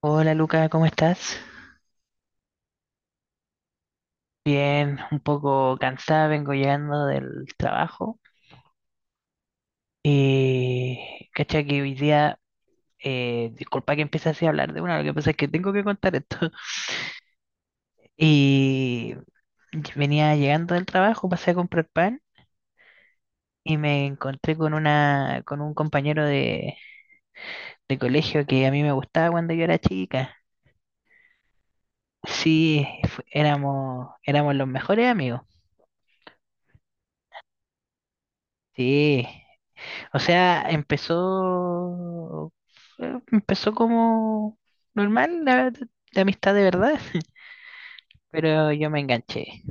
Hola Luca, ¿cómo estás? Bien, un poco cansada, vengo llegando del trabajo. Y cacha que hoy día, disculpa que empiece así a hablar de una, lo que pasa es que tengo que contar esto. Y venía llegando del trabajo, pasé a comprar pan y me encontré con una, con un compañero de colegio que a mí me gustaba cuando yo era chica. Sí, éramos los mejores amigos. Sí. O sea, empezó, empezó como normal la, verdad, la amistad de verdad, pero yo me enganché.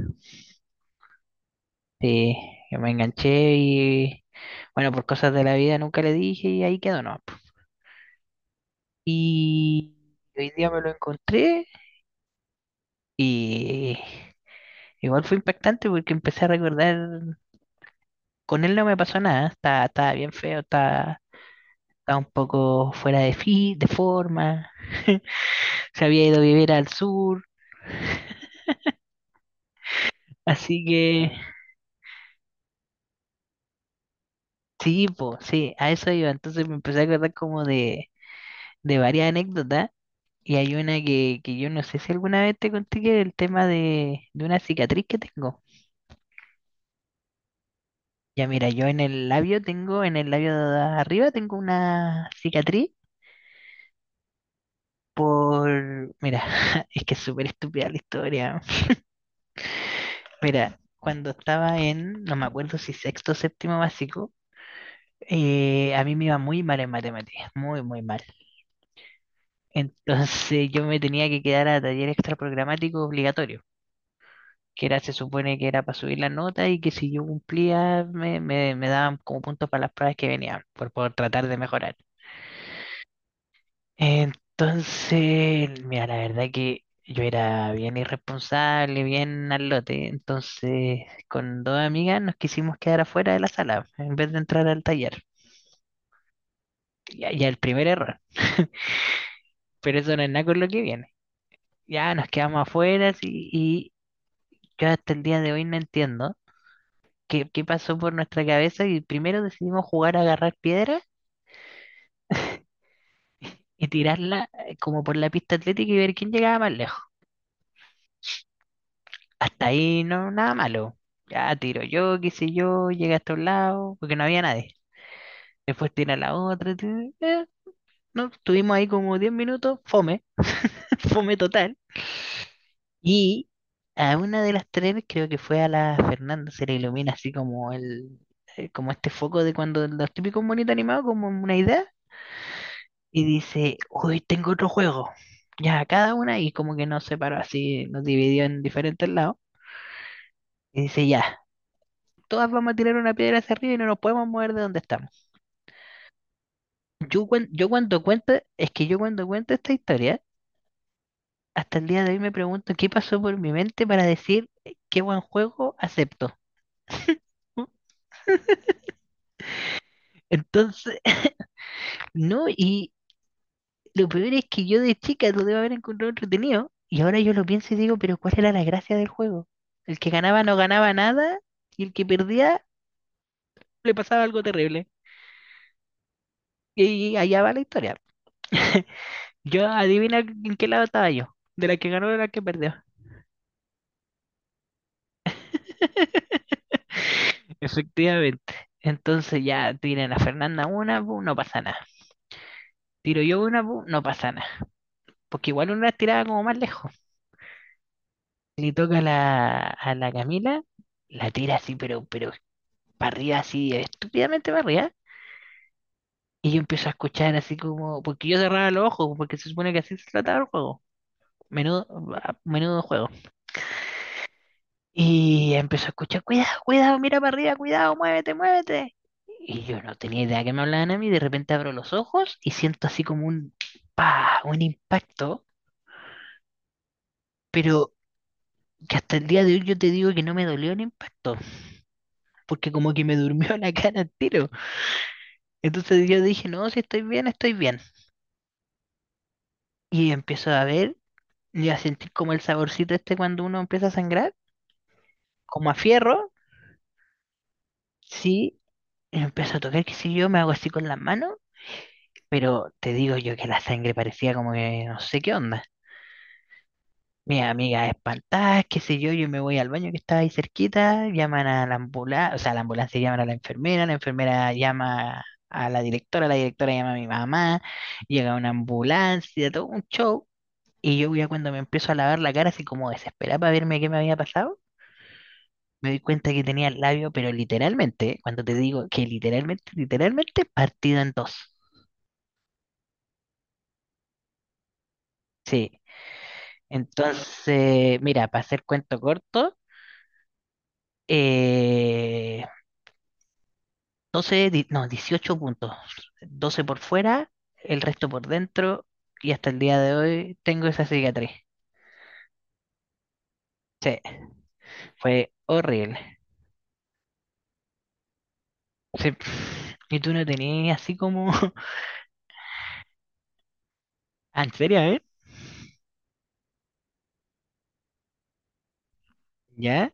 Sí, yo me enganché y bueno, por cosas de la vida nunca le dije y ahí quedó, ¿no? Y hoy día me lo encontré y igual fue impactante porque empecé a recordar, con él no me pasó nada, estaba bien feo, estaba, estaba un poco fuera de forma, se había ido a vivir al sur. Así que sí, po, sí, a eso iba. Entonces me empecé a acordar como de varias anécdotas. Y hay una que yo no sé si alguna vez te conté, que el tema de una cicatriz que tengo. Ya mira, yo en el labio tengo, en el labio de arriba tengo una cicatriz por... Mira, es que es súper estúpida la historia. Mira, cuando estaba en, no me acuerdo si sexto o séptimo básico, a mí me iba muy mal en matemáticas, muy, muy mal. Entonces yo me tenía que quedar a taller extra programático obligatorio, que era, se supone que era para subir la nota, y que si yo cumplía me daban como puntos para las pruebas que venían, por tratar de mejorar. Entonces, mira, la verdad que yo era bien irresponsable, bien al lote, entonces con dos amigas nos quisimos quedar afuera de la sala en vez de entrar al taller. Ya, ya el primer error, pero eso no es nada con lo que viene. Ya nos quedamos afuera, sí. Yo hasta el día de hoy no entiendo qué pasó por nuestra cabeza, y primero decidimos jugar a agarrar piedras y tirarla como por la pista atlética y ver quién llegaba más lejos. Hasta ahí no, nada malo. Ya tiro yo, qué sé yo, llegué hasta un lado, porque no había nadie. Después tira la otra. No, estuvimos ahí como 10 minutos, fome, fome total. Y a una de las tres, creo que fue a la Fernanda, se le ilumina así como el, como este foco de cuando los típicos bonitos animados, como una idea, y dice, uy, tengo otro juego. Ya, cada una, y como que nos separó así, nos dividió en diferentes lados. Y dice, ya, todas vamos a tirar una piedra hacia arriba y no nos podemos mover de donde estamos. Yo cuando cuento, es que yo cuando cuento esta historia, hasta el día de hoy me pregunto qué pasó por mi mente para decir, qué buen juego, acepto. Entonces, no, y lo peor es que yo de chica lo debo haber encontrado entretenido. Y ahora yo lo pienso y digo, pero ¿cuál era la gracia del juego? El que ganaba no ganaba nada, y el que perdía le pasaba algo terrible. Y allá va la historia. Yo, adivina en qué lado estaba yo, de la que ganó o de la que perdió. Efectivamente. Entonces ya tiran a Fernanda una, pu, no pasa nada. Tiro yo una, pu, no pasa nada. Porque igual una tiraba como más lejos. Le toca a a la Camila, la tira así, pero barrida así, estúpidamente barrida. Y yo empiezo a escuchar así como, porque yo cerraba los ojos, porque se supone que así se trataba el juego. Menudo, menudo juego. Y empezó a escuchar, cuidado, cuidado, mira para arriba, cuidado, muévete, muévete. Y yo no tenía idea que me hablaban a mí, de repente abro los ojos y siento así como un, pa, un impacto, pero que hasta el día de hoy yo te digo que no me dolió el impacto, porque como que me durmió la cara al tiro. Entonces yo dije, no, si estoy bien, estoy bien. Y empiezo a ver y a sentir como el saborcito este cuando uno empieza a sangrar, como a fierro. Sí, empiezo a tocar, qué sé yo, me hago así con las manos, pero te digo yo que la sangre parecía como que no sé qué onda. Mi amiga espantada, qué sé yo, yo me voy al baño que estaba ahí cerquita, llaman a la ambulancia, o sea, la ambulancia, llaman a la enfermera llama a la directora llama a mi mamá, llega una ambulancia, todo un show, y yo ya cuando me empiezo a lavar la cara así como desesperada para verme qué me había pasado, me di cuenta que tenía el labio, pero literalmente, ¿eh? Cuando te digo que literalmente, literalmente partido en dos. Sí. Entonces, mira, para hacer cuento corto, eh, no, 18 puntos. 12 por fuera, el resto por dentro, y hasta el día de hoy tengo esa cicatriz. Sí, fue horrible. Sí. Y tú no tenías así como... Ah, ¿en serio, eh? ¿Ya?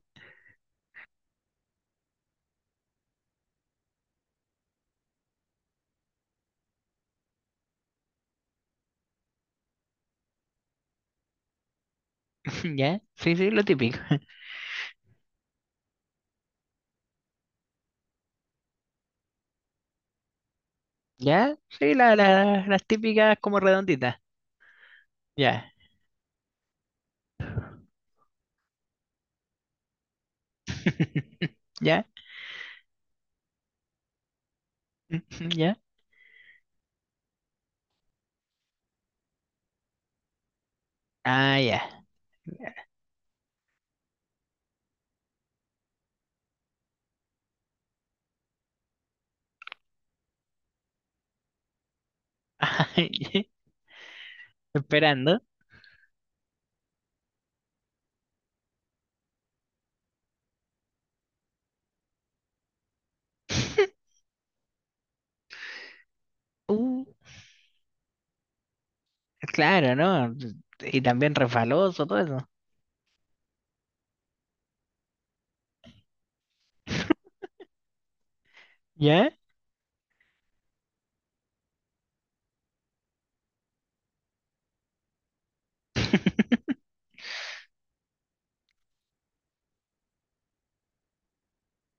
¿Ya? Sí, sí, lo típico. ¿Ya? Sí, la, las típicas como redonditas. Ya. ¿Ya? Ujú, ¿ya? Ah, ya. Esperando. Uh, claro, ¿no? Y también refaloso, todo eso. ¿Ya?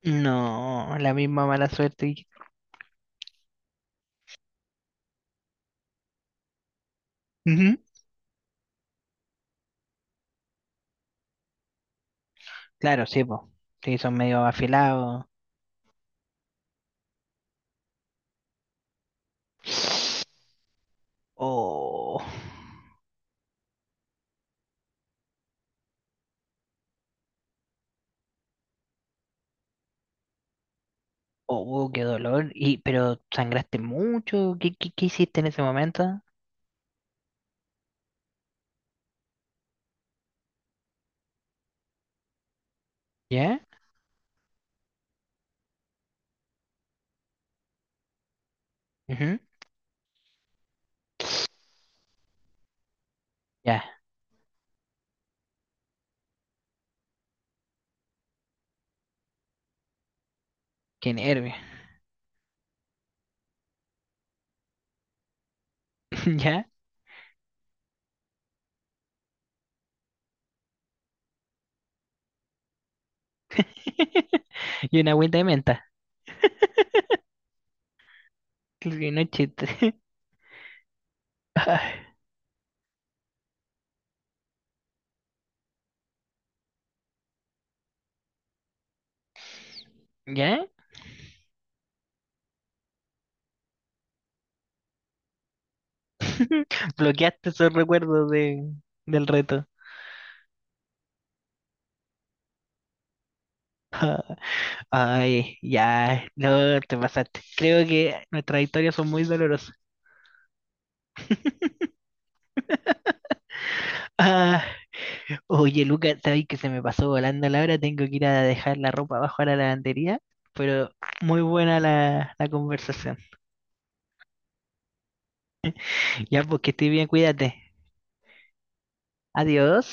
No, la misma mala suerte, que... Ujú. Claro, sí, po. Sí, son medio afilados. Oh, oh, qué dolor. Y, pero sangraste mucho. ¿Qué, qué, qué hiciste en ese momento? ¿Ya? Ujú. Ya, qué nervio. Ya. Y una agüita de menta. Y no es chiste. Ay, ¿ya? Bloqueaste esos recuerdos del reto. Ay, ya. No, te pasaste. Creo que nuestras historias son muy dolorosas. Ah, oye, Lucas, sabes que se me pasó volando la hora. Tengo que ir a dejar la ropa abajo a la lavandería. Pero muy buena la conversación. Ya, pues, que estés bien, cuídate. Adiós.